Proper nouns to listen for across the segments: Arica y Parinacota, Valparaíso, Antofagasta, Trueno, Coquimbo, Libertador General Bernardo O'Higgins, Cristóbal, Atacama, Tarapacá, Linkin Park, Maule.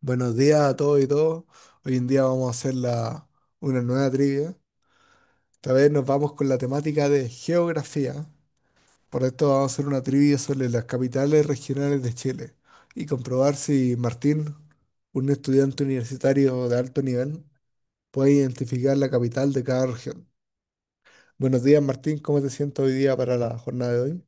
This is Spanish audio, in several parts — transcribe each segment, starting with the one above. Buenos días a todos y todos. Hoy en día vamos a hacer una nueva trivia. Esta vez nos vamos con la temática de geografía. Por esto vamos a hacer una trivia sobre las capitales regionales de Chile y comprobar si Martín, un estudiante universitario de alto nivel, puede identificar la capital de cada región. Buenos días, Martín. ¿Cómo te sientes hoy día para la jornada de hoy?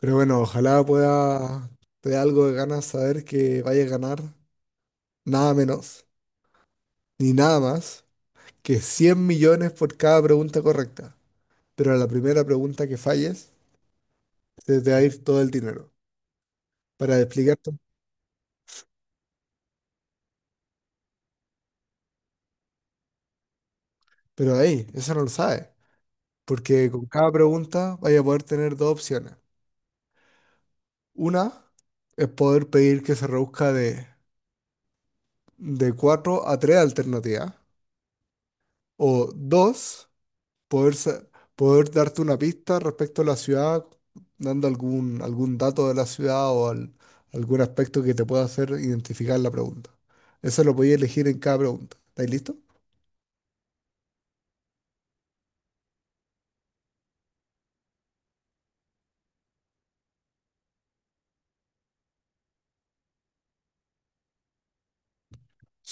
Pero bueno, ojalá pueda te dé algo de ganas saber que vaya a ganar nada menos ni nada más que es 100 millones por cada pregunta correcta, pero a la primera pregunta que falles, se te va a ir todo el dinero. Para explicarte, pero ahí, eso no lo sabes, porque con cada pregunta vaya a poder tener dos opciones. Una es poder pedir que se reduzca de 4 a 3 alternativas, o dos, poder, sa- poder darte una pista respecto a la ciudad, dando algún dato de la ciudad algún aspecto que te pueda hacer identificar la pregunta. Eso lo podías elegir en cada pregunta. ¿Estáis listo?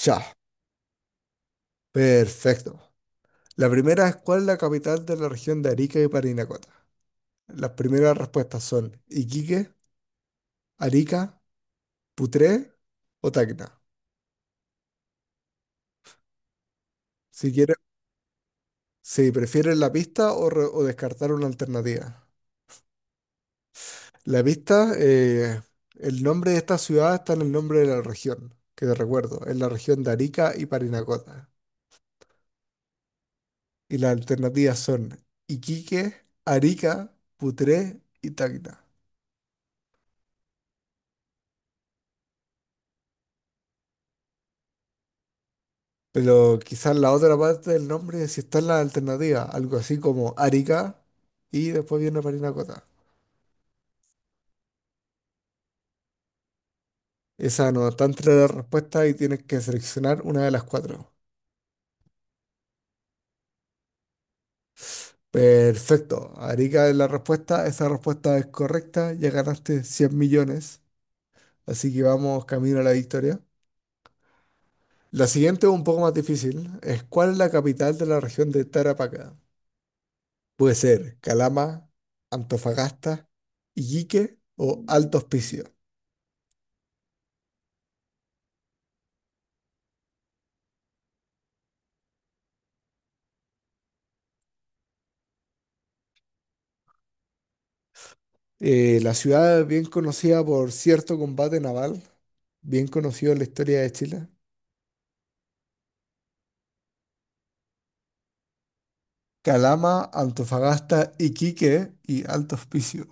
Ya, perfecto. La primera es, ¿cuál es la capital de la región de Arica y Parinacota? Las primeras respuestas son Iquique, Arica, Putré o Tacna. Si quieres, si prefieres la pista o descartar una alternativa. La pista. El nombre de esta ciudad está en el nombre de la región, que te recuerdo, es la región de Arica y Parinacota. Y las alternativas son Iquique, Arica, Putré y Tacna. Pero quizás la otra parte del nombre sí está en la alternativa, algo así como Arica y después viene Parinacota. Esa no está entre las respuestas y tienes que seleccionar una de las cuatro. Perfecto, Arica es la respuesta, esa respuesta es correcta, ya ganaste 100 millones. Así que vamos camino a la victoria. La siguiente es un poco más difícil. Es, ¿cuál es la capital de la región de Tarapacá? Puede ser Calama, Antofagasta, Iquique o Alto Hospicio. La ciudad es bien conocida por cierto combate naval, bien conocido en la historia de Chile. Calama, Antofagasta, Iquique y Alto Hospicio.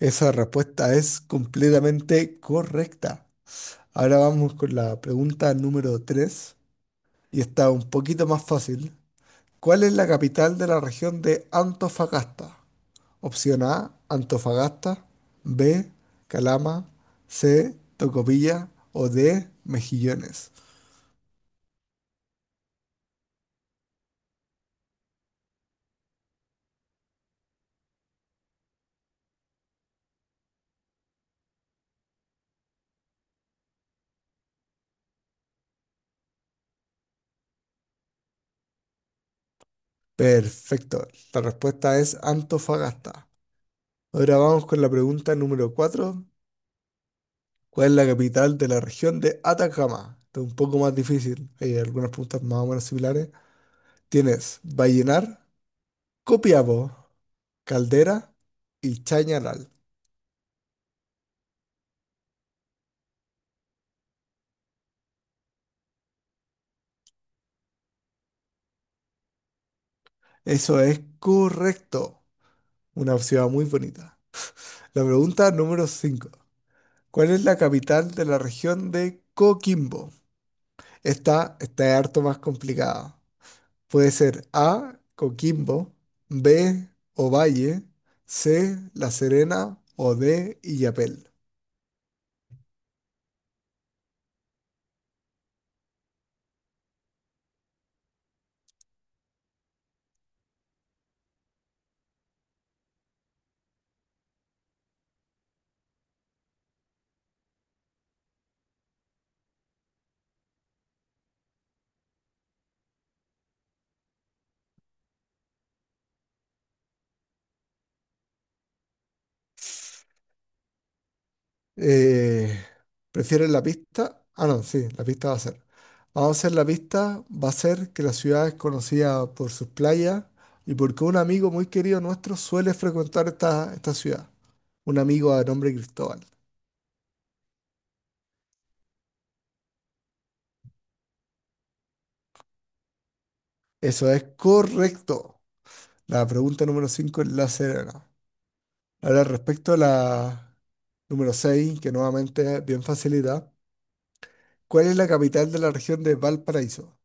Esa respuesta es completamente correcta. Ahora vamos con la pregunta número 3. Y está un poquito más fácil. ¿Cuál es la capital de la región de Antofagasta? Opción A, Antofagasta. B, Calama. C, Tocopilla. O D, Mejillones. Perfecto. La respuesta es Antofagasta. Ahora vamos con la pregunta número 4. ¿Cuál es la capital de la región de Atacama? Esto es un poco más difícil. Hay algunas preguntas más o menos similares. Tienes Vallenar, Copiapó, Caldera y Chañaral. Eso es correcto. Una ciudad muy bonita. La pregunta número 5. ¿Cuál es la capital de la región de Coquimbo? Esta está harto más complicada. Puede ser A, Coquimbo, B, Ovalle, C, La Serena o D, Illapel. Eh, ¿Prefieres la pista? Ah, no, sí, la pista va a ser. Vamos a hacer la pista, va a ser que la ciudad es conocida por sus playas y porque un amigo muy querido nuestro suele frecuentar esta ciudad. Un amigo de nombre Cristóbal. Eso es correcto. La pregunta número 5 es la serena. Ahora, respecto a la número 6, que nuevamente es bien facilidad, ¿cuál es la capital de la región de Valparaíso?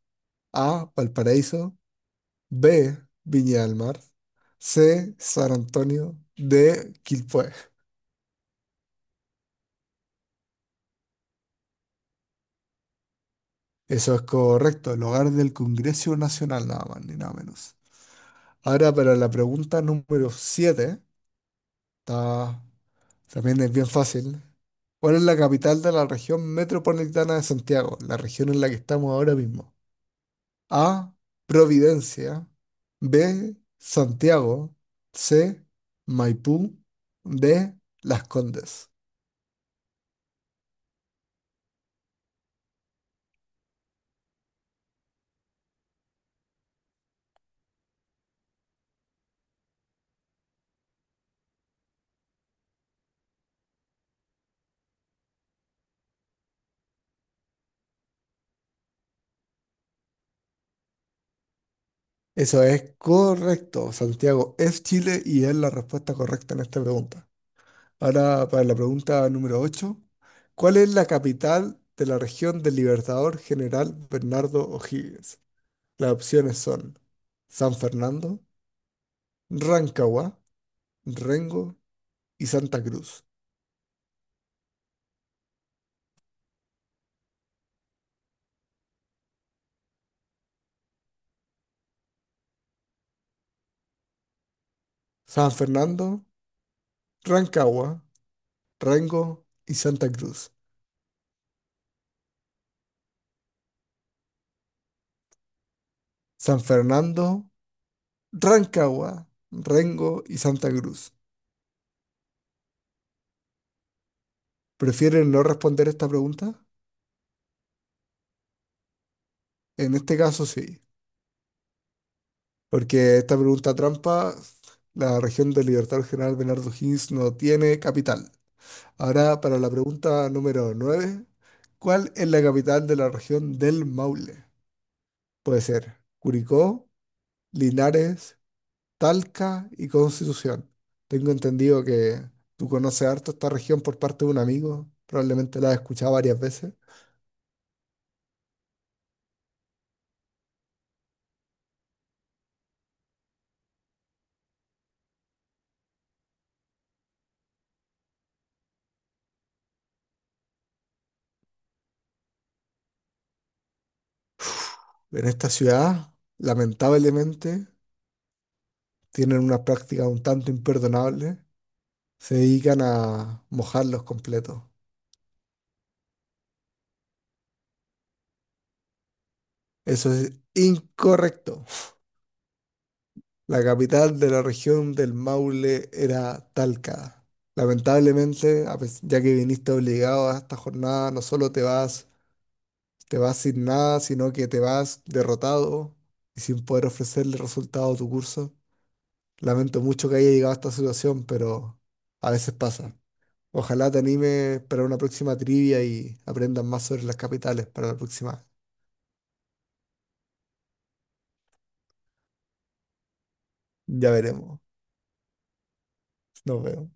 A, Valparaíso, B, Viña del Mar. C, San Antonio. D, Quilpué. Eso es correcto, el hogar del Congreso Nacional, nada más ni nada menos. Ahora para la pregunta número 7, está, también es bien fácil. ¿Cuál es la capital de la región metropolitana de Santiago, la región en la que estamos ahora mismo? A, Providencia. B, Santiago. C, Maipú. D, Las Condes. Eso es correcto, Santiago. Es Chile y es la respuesta correcta en esta pregunta. Ahora, para la pregunta número 8, ¿cuál es la capital de la región del Libertador General Bernardo O'Higgins? Las opciones son San Fernando, Rancagua, Rengo y Santa Cruz. San Fernando, Rancagua, Rengo y Santa Cruz. San Fernando, Rancagua, Rengo y Santa Cruz. ¿Prefieren no responder esta pregunta? En este caso sí, porque esta pregunta trampa, la región del Libertador General Bernardo Higgins no tiene capital. Ahora para la pregunta número 9, ¿cuál es la capital de la región del Maule? Puede ser Curicó, Linares, Talca y Constitución. Tengo entendido que tú conoces harto esta región por parte de un amigo, probablemente la has escuchado varias veces. En esta ciudad, lamentablemente, tienen unas prácticas un tanto imperdonables. Se dedican a mojarlos completos. Eso es incorrecto. La capital de la región del Maule era Talca. Lamentablemente, ya que viniste obligado a esta jornada, no solo te vas sin nada, sino que te vas derrotado y sin poder ofrecerle resultado a tu curso. Lamento mucho que haya llegado a esta situación, pero a veces pasa. Ojalá te anime para una próxima trivia y aprendas más sobre las capitales para la próxima. Ya veremos. Nos vemos.